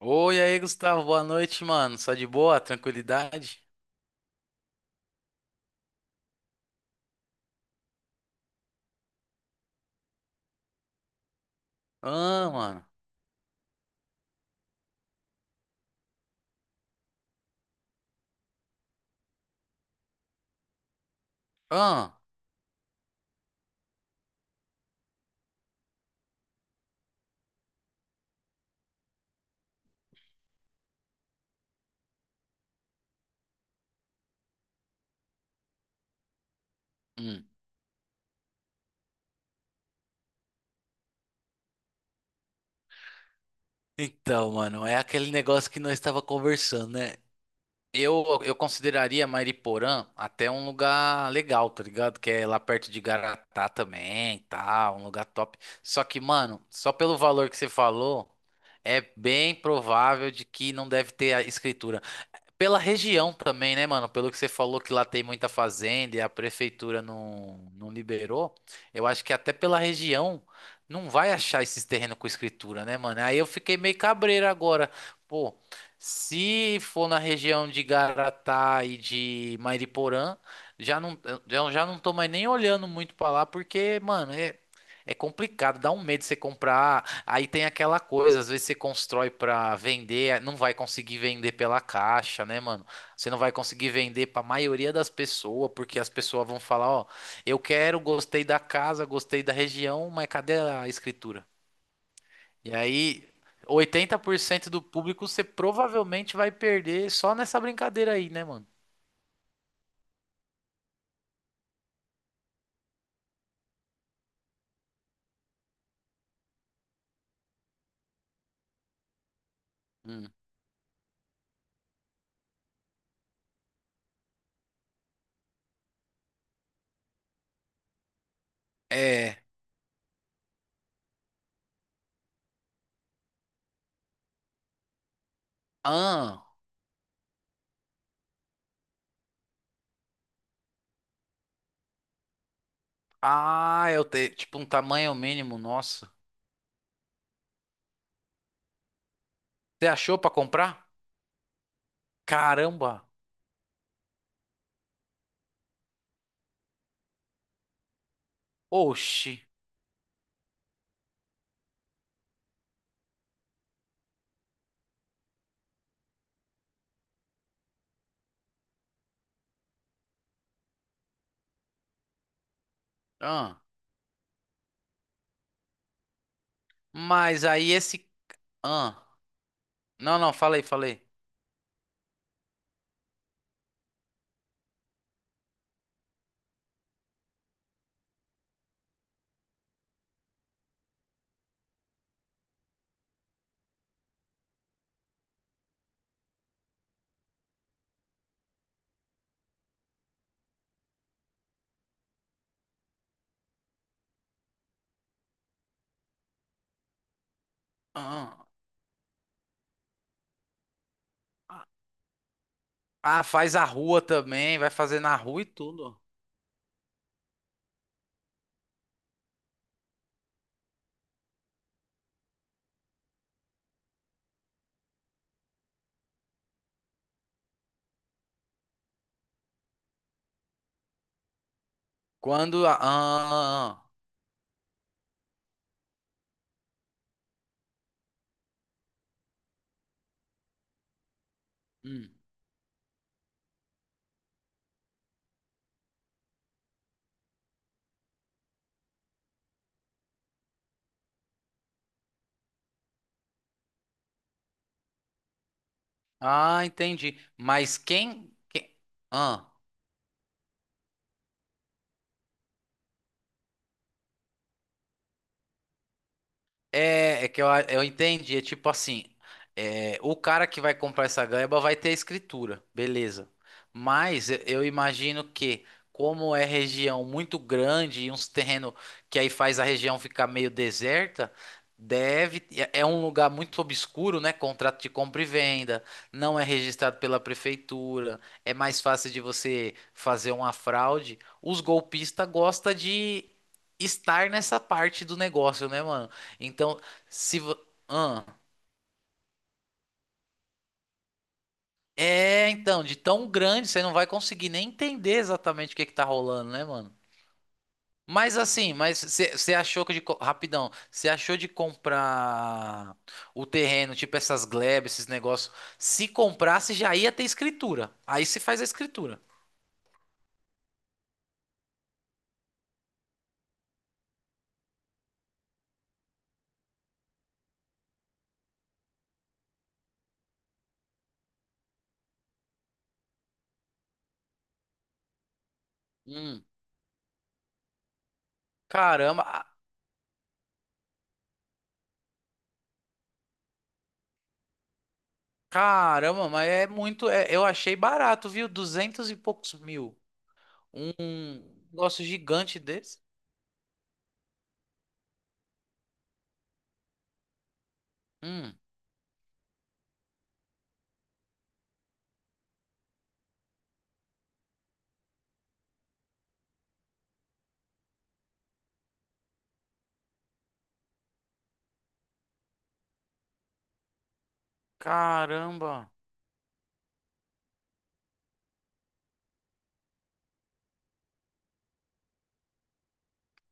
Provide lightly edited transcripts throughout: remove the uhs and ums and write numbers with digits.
Oi, aí, Gustavo, boa noite, mano. Só de boa? Tranquilidade? Ah, mano. Ah. Hum. Então, mano, é aquele negócio que nós estava conversando, né? Eu consideraria Mariporã até um lugar legal, tá ligado? Que é lá perto de Garatá também, tá? Um lugar top. Só que, mano, só pelo valor que você falou, é bem provável de que não deve ter a escritura. Pela região também, né, mano? Pelo que você falou que lá tem muita fazenda e a prefeitura não liberou, eu acho que até pela região não vai achar esses terrenos com escritura, né, mano? Aí eu fiquei meio cabreiro agora. Pô, se for na região de Garatá e de Mairiporã, já não, eu já não tô mais nem olhando muito pra lá, porque, mano, é, é complicado, dá um medo você comprar. Aí tem aquela coisa, às vezes você constrói pra vender, não vai conseguir vender pela caixa, né, mano? Você não vai conseguir vender pra maioria das pessoas, porque as pessoas vão falar, ó, eu quero, gostei da casa, gostei da região, mas cadê a escritura? E aí, 80% do público você provavelmente vai perder só nessa brincadeira aí, né, mano? Hum. É. Ah, ah, eu tenho tipo um tamanho mínimo, nossa. Você achou pra comprar? Caramba. Oxi. Mas aí esse. Ah, não, falei, falei. Ah, ah, faz a rua também, vai fazer na rua e tudo. Quando. A- ah, ah, ah. Hum. Ah, entendi. Mas quem. Quem... Ah. É, é que eu, a- eu entendi. É tipo assim: é, o cara que vai comprar essa gleba vai ter a escritura, beleza. Mas eu imagino que, como é região muito grande e uns terrenos que aí faz a região ficar meio deserta, deve. É é um lugar muito obscuro, né? Contrato de compra e venda, não é registrado pela prefeitura, é mais fácil de você fazer uma fraude. Os golpistas gostam de estar nessa parte do negócio, né, mano? Então, se vo... Ahn. É, então, de tão grande você não vai conseguir nem entender exatamente o que que tá rolando, né, mano? Mas assim, mas você achou que de co- rapidão, você achou de comprar o terreno, tipo essas glebas, esses negócios. Se comprasse já ia ter escritura. Aí se faz a escritura. Hum, caramba, ah, caramba, mas é muito, é- eu achei barato, viu? 200 e poucos mil. Um negócio gigante desse. Hum, caramba.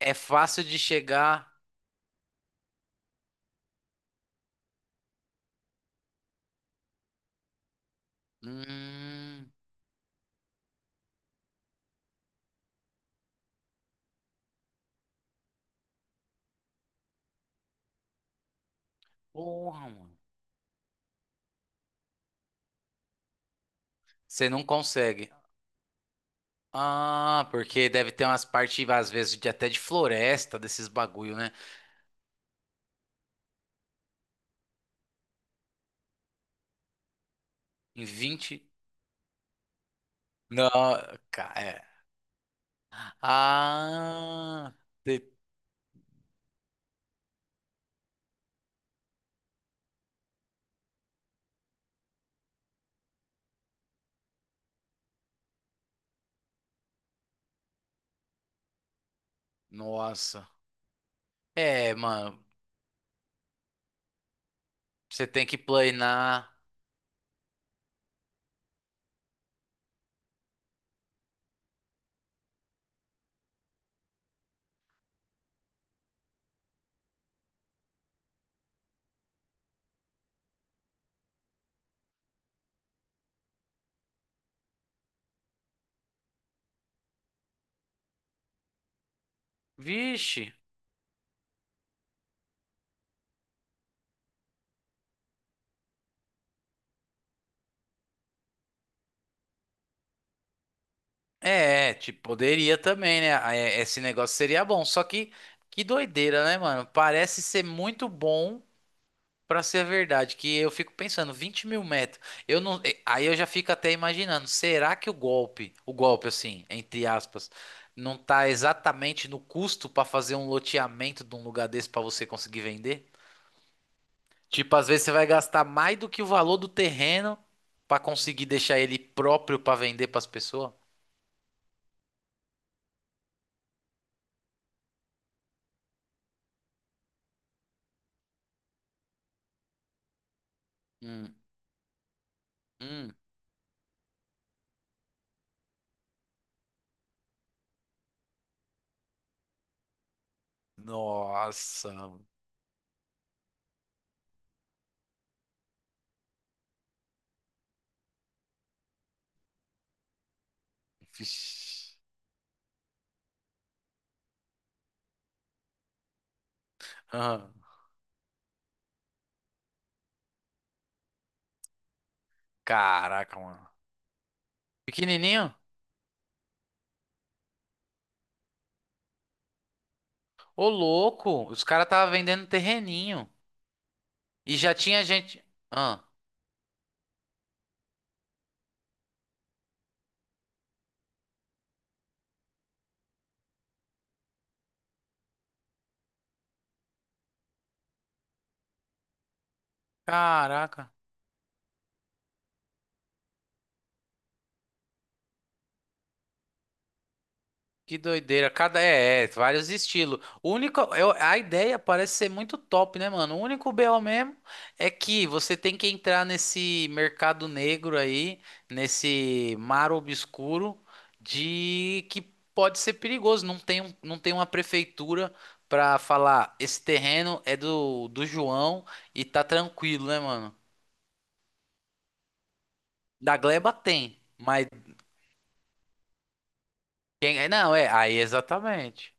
É fácil de chegar. Hum, porra, mano. Você não consegue. Ah, porque deve ter umas partes, às vezes, de até de floresta, desses bagulho, né? Em 20? Não, ca- é. Ah, de- nossa. É, mano. Você tem que planear. Vixe. É, tipo, poderia também, né? Ah, é- esse negócio seria bom. Só que doideira, né, mano? Parece ser muito bom. Pra ser verdade, que eu fico pensando, 20 mil metros, eu não, aí eu já fico até imaginando, será que o golpe assim, entre aspas, não tá exatamente no custo pra fazer um loteamento de um lugar desse pra você conseguir vender? Tipo, às vezes você vai gastar mais do que o valor do terreno pra conseguir deixar ele próprio pra vender pras pessoas? Hum, hum, nossa, vixi. Ah, caraca, mano. Pequenininho? Ô, louco, os caras tava vendendo terreninho. E já tinha gente. Ah, caraca, que doideira. Cada é, é, vários estilos. O único, eu- a ideia parece ser muito top, né, mano? O único BO mesmo é que você tem que entrar nesse mercado negro aí, nesse mar obscuro de que pode ser perigoso. Não tem, um- não tem uma prefeitura pra falar, esse terreno é do, do João e tá tranquilo, né, mano? Da Gleba tem, mas quem é? Não, é, aí exatamente.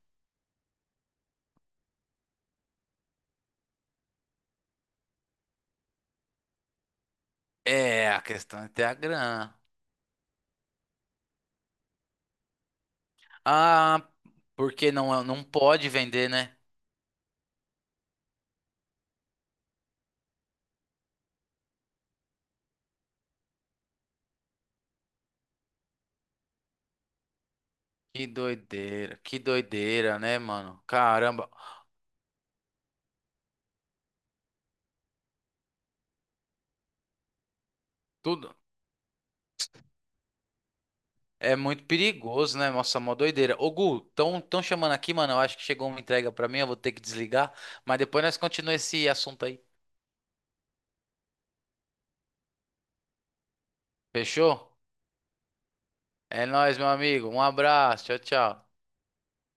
É, a questão é ter a grana. Ah, porque não pode vender, né? Que doideira, né, mano? Caramba, tudo é muito perigoso, né? Nossa, mó doideira. Ô, Gu, tão chamando aqui, mano. Eu acho que chegou uma entrega pra mim, eu vou ter que desligar. Mas depois nós continuamos esse assunto aí. Fechou? É nóis, meu amigo. Um abraço, tchau, tchau.